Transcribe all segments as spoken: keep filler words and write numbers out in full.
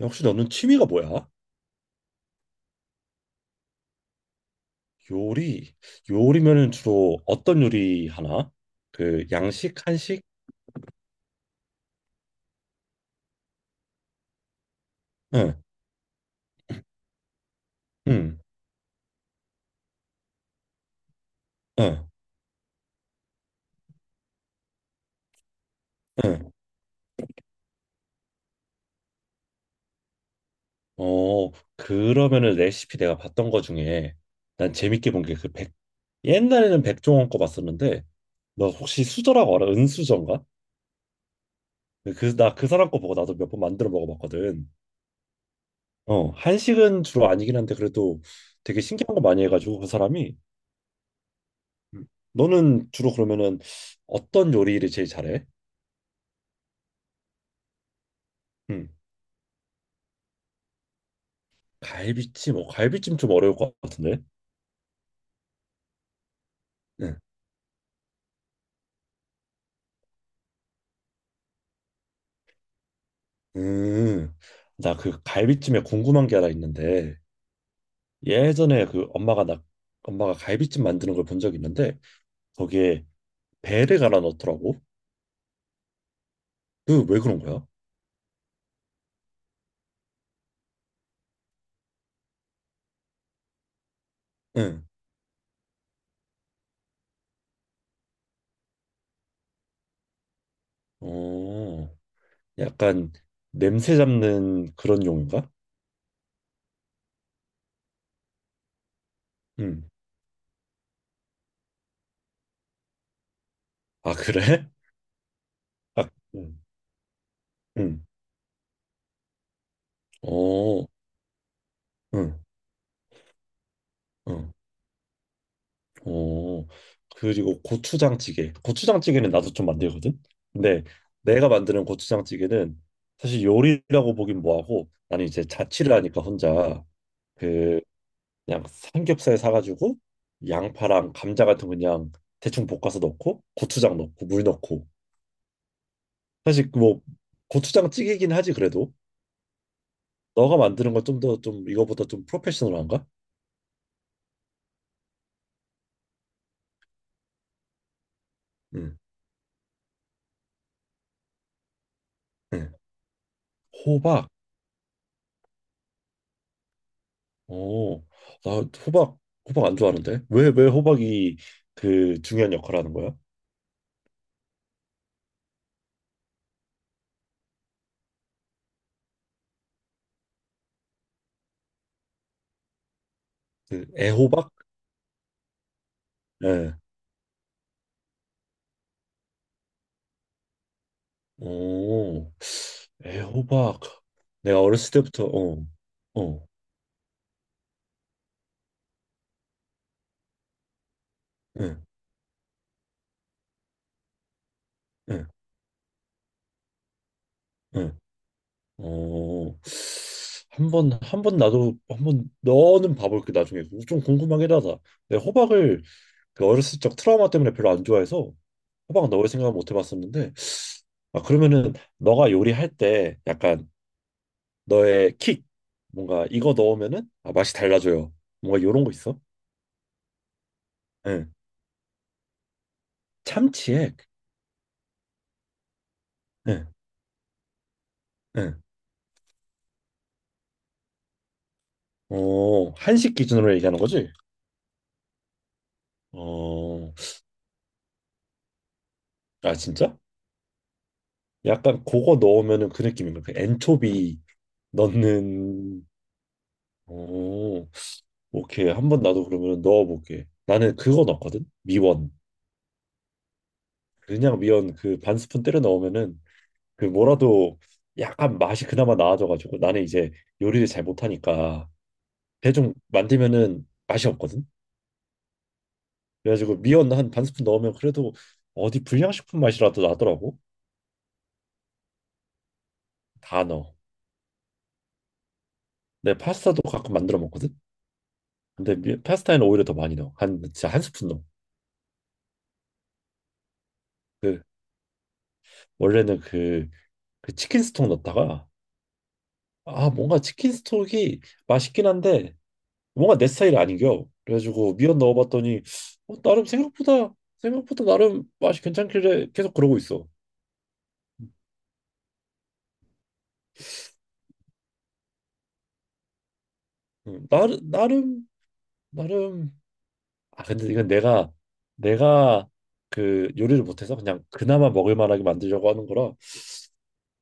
혹시 너는 취미가 뭐야? 요리. 요리면은 주로 어떤 요리 하나? 그 양식, 한식? 응, 응, 응, 응. 어, 그러면은 레시피 내가 봤던 거 중에 난 재밌게 본 게 그 백, 옛날에는 백종원 거 봤었는데 너 혹시 수저라고 알아? 은수저인가? 그, 그, 나그 사람 거 보고 나도 몇 번 만들어 먹어봤거든. 어, 한식은 주로 아니긴 한데 그래도 되게 신기한 거 많이 해가지고 그 사람이. 음. 너는 주로 그러면은 어떤 요리를 제일 잘해? 음. 갈비찜, 어, 갈비찜 좀 어려울 것 같은데. 응. 음. 나 그 갈비찜에 궁금한 게 하나 있는데 예전에 그 엄마가 나 엄마가 갈비찜 만드는 걸 본 적이 있는데 거기에 배를 갈아 넣더라고. 그 왜 그런 거야? 응. 어. 약간 냄새 잡는 그런 용인가? 응. 아, 그래? 아, 응. 응. 어. 응. 응. 어, 그리고 고추장찌개. 고추장찌개는 나도 좀 만들거든. 근데 내가 만드는 고추장찌개는 사실 요리라고 보긴 뭐하고 나는 이제 자취를 하니까 혼자 그 그냥 삼겹살 사가지고 양파랑 감자 같은 거 그냥 대충 볶아서 넣고 고추장 넣고 물 넣고 사실 그뭐 고추장찌개긴 하지 그래도 너가 만드는 건 좀 더 좀 이거보다 좀 프로페셔널한가? 응. 응. 호박. 어, 나 호박 호박 안 좋아하는데 왜 왜 호박이 그 중요한 역할을 하는 거야? 그 애호박? 예. 오, 애호박. 내가 어렸을 때부터 어, 어, 응, 응, 응. 어, 한번 한 번 나도 한 번 너는 봐볼게 나중에 좀 궁금하긴 하다. 내가 호박을 그 어렸을 적 트라우마 때문에 별로 안 좋아해서 호박 넣을 생각은 못 해봤었는데 아 그러면은 너가 요리할 때 약간 너의 킥 뭔가 이거 넣으면은 아, 맛이 달라져요. 뭔가 요런 거 있어? 응. 참치액. 응. 응. 어, 한식 기준으로 얘기하는 거지? 어. 아, 진짜? 약간 그거 넣으면은 그 느낌인가? 그 엔초비 넣는. 오, 오케이. 한 번 나도 그러면 넣어볼게. 나는 그거 넣었거든. 미원. 그냥 미원 그 반 스푼 때려 넣으면은 그 뭐라도 약간 맛이 그나마 나아져가지고 나는 이제 요리를 잘 못하니까 대충 만들면은 맛이 없거든. 그래가지고 미원 한 반 스푼 넣으면 그래도 어디 불량식품 맛이라도 나더라고. 다 넣어. 내 파스타도 가끔 만들어 먹거든. 근데 미- 파스타에는 오히려 더 많이 넣어. 한 진짜 한 스푼 넣어. 그 원래는 그, 그 치킨 스톡 넣었다가 아 뭔가 치킨 스톡이 맛있긴 한데 뭔가 내 스타일이 아닌겨. 그래가지고 미원 넣어봤더니 어, 나름 생각보다 생각보다 나름 맛이 괜찮길래 계속 그러고 있어. 음, 나름 나름 나름 아 근데 이건 내가 내가 그 요리를 못해서 그냥 그나마 먹을 만하게 만들려고 하는 거라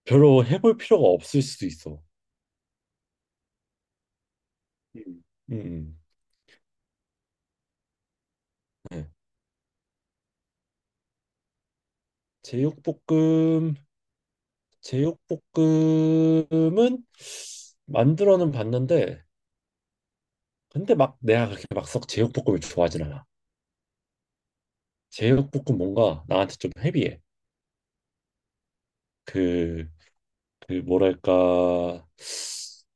별로 해볼 필요가 없을 수도 있어. 음. 음, 음. 네. 제육볶음. 제육볶음은 만들어는 봤는데 근데 막 내가 그렇게 막썩 제육볶음을 좋아하진 않아. 제육볶음 뭔가 나한테 좀 헤비해. 그, 그 뭐랄까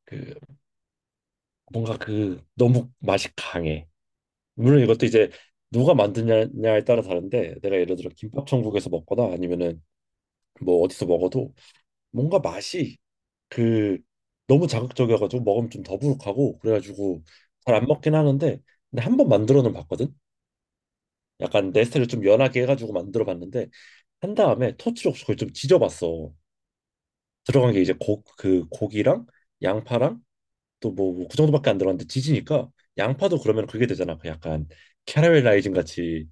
그 뭔가 그 너무 맛이 강해. 물론 이것도 이제 누가 만드냐에 따라 다른데 내가 예를 들어 김밥 천국에서 먹거나 아니면은 뭐 어디서 먹어도 뭔가 맛이 그 너무 자극적이어가지고 먹으면 좀 더부룩하고 그래가지고 잘 안 먹긴 하는데 근데 한 번 만들어는 봤거든. 약간 네스테를 좀 연하게 해가지고 만들어 봤는데 한 다음에 토치로 그걸 좀 지져봤어. 들어간 게 이제 고, 그 고기랑 양파랑 또뭐 뭐 그 정도밖에 안 들어갔는데 지지니까 양파도 그러면 그게 되잖아. 그 약간 캐러멜라이징 같이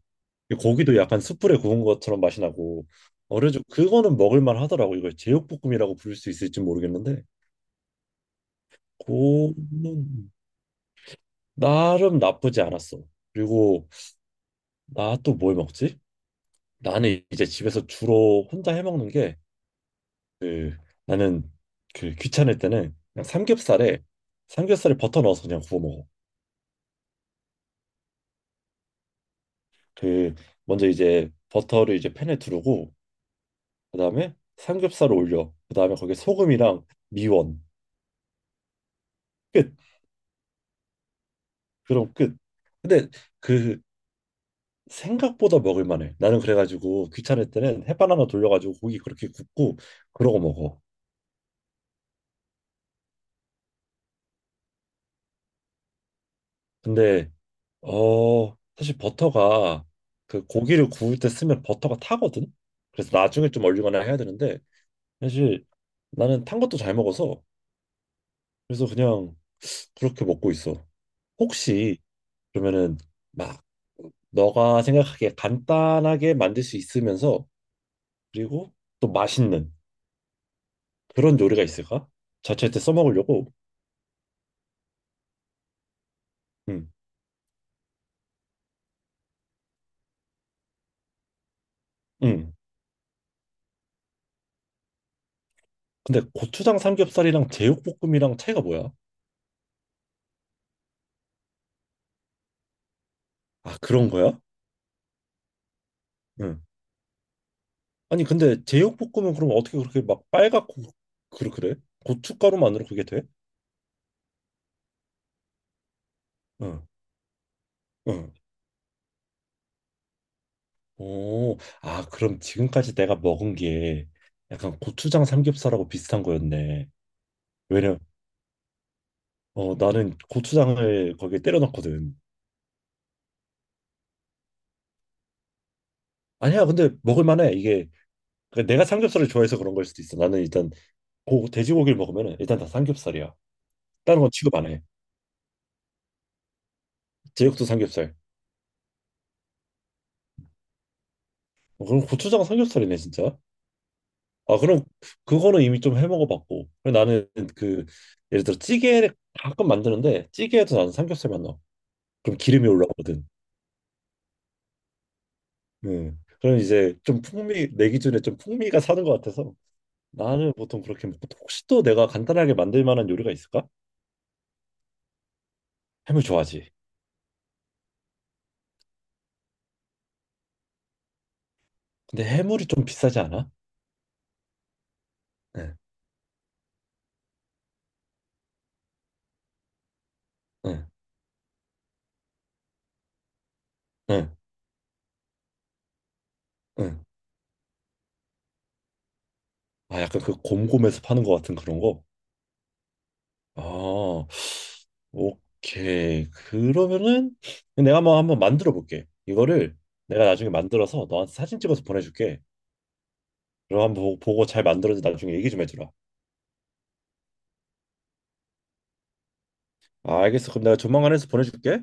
이 고기도 약간 숯불에 구운 것처럼 맛이 나고 어려져 그거는 먹을만 하더라고. 이걸 제육볶음이라고 부를 수 있을지 모르겠는데 그거는 나름 나쁘지 않았어. 그리고 나 또 뭘 먹지? 나는 이제 집에서 주로 혼자 해 먹는 게 그 나는 그 귀찮을 때는 그냥 삼겹살에 삼겹살에 버터 넣어서 그냥 구워 먹어. 그 먼저 이제 버터를 이제 팬에 두르고 그다음에 삼겹살을 올려 그다음에 거기에 소금이랑 미원 끝 그럼 끝 근데 그 생각보다 먹을 만해 나는 그래가지고 귀찮을 때는 햇반 하나 돌려가지고 고기 그렇게 굽고 그러고 먹어 근데 어 사실 버터가 그 고기를 구울 때 쓰면 버터가 타거든 그래서 나중에 좀 얼리거나 해야 되는데 사실 나는 탄 것도 잘 먹어서 그래서 그냥 그렇게 먹고 있어 혹시 그러면은 막 너가 생각하기에 간단하게 만들 수 있으면서 그리고 또 맛있는 그런 요리가 있을까? 자취할 때 써먹으려고. 응, 응. 근데 고추장 삼겹살이랑 제육볶음이랑 차이가 뭐야? 아, 그런 거야? 응. 아니, 근데 제육볶음은 그럼 어떻게 그렇게 막 빨갛고 그래 그래? 고춧가루만으로 그게 돼? 응, 응. 오, 아, 그럼 지금까지 내가 먹은 게 약간 고추장 삼겹살하고 비슷한 거였네. 왜냐면 어, 나는 고추장을 거기에 때려 넣거든. 아니야, 근데 먹을 만해. 이게 그러니까 내가 삼겹살을 좋아해서 그런 걸 수도 있어. 나는 일단 고, 돼지고기를 먹으면 일단 다 삼겹살이야. 다른 건 취급 안 해. 제육도 삼겹살. 어, 그럼 고추장 삼겹살이네, 진짜. 아, 그럼 그거는 이미 좀 해 먹어봤고. 그리고 나는 그 예를 들어 찌개를 가끔 만드는데 찌개에도 나는 삼겹살만 넣어. 그럼 기름이 올라오거든. 음. 그럼 이제 좀 풍미 내 기준에 좀 풍미가 사는 것 같아서 나는 보통 그렇게 먹고 혹시 또 내가 간단하게 만들 만한 요리가 있을까? 해물 좋아하지. 근데 해물이 좀 비싸지 않아? 응, 응, 응, 응. 아, 약간 그 곰곰에서 파는 것 같은 그런 거? 아, 오케이. 그러면은 내가 한번 한번 만들어 볼게. 이거를 내가 나중에 만들어서 너한테 사진 찍어서 보내줄게. 그럼 한번 보- 보고 잘 만들어서 나중에 얘기 좀 해주라. 아, 알겠어. 그럼 내가 조만간 해서 보내줄게.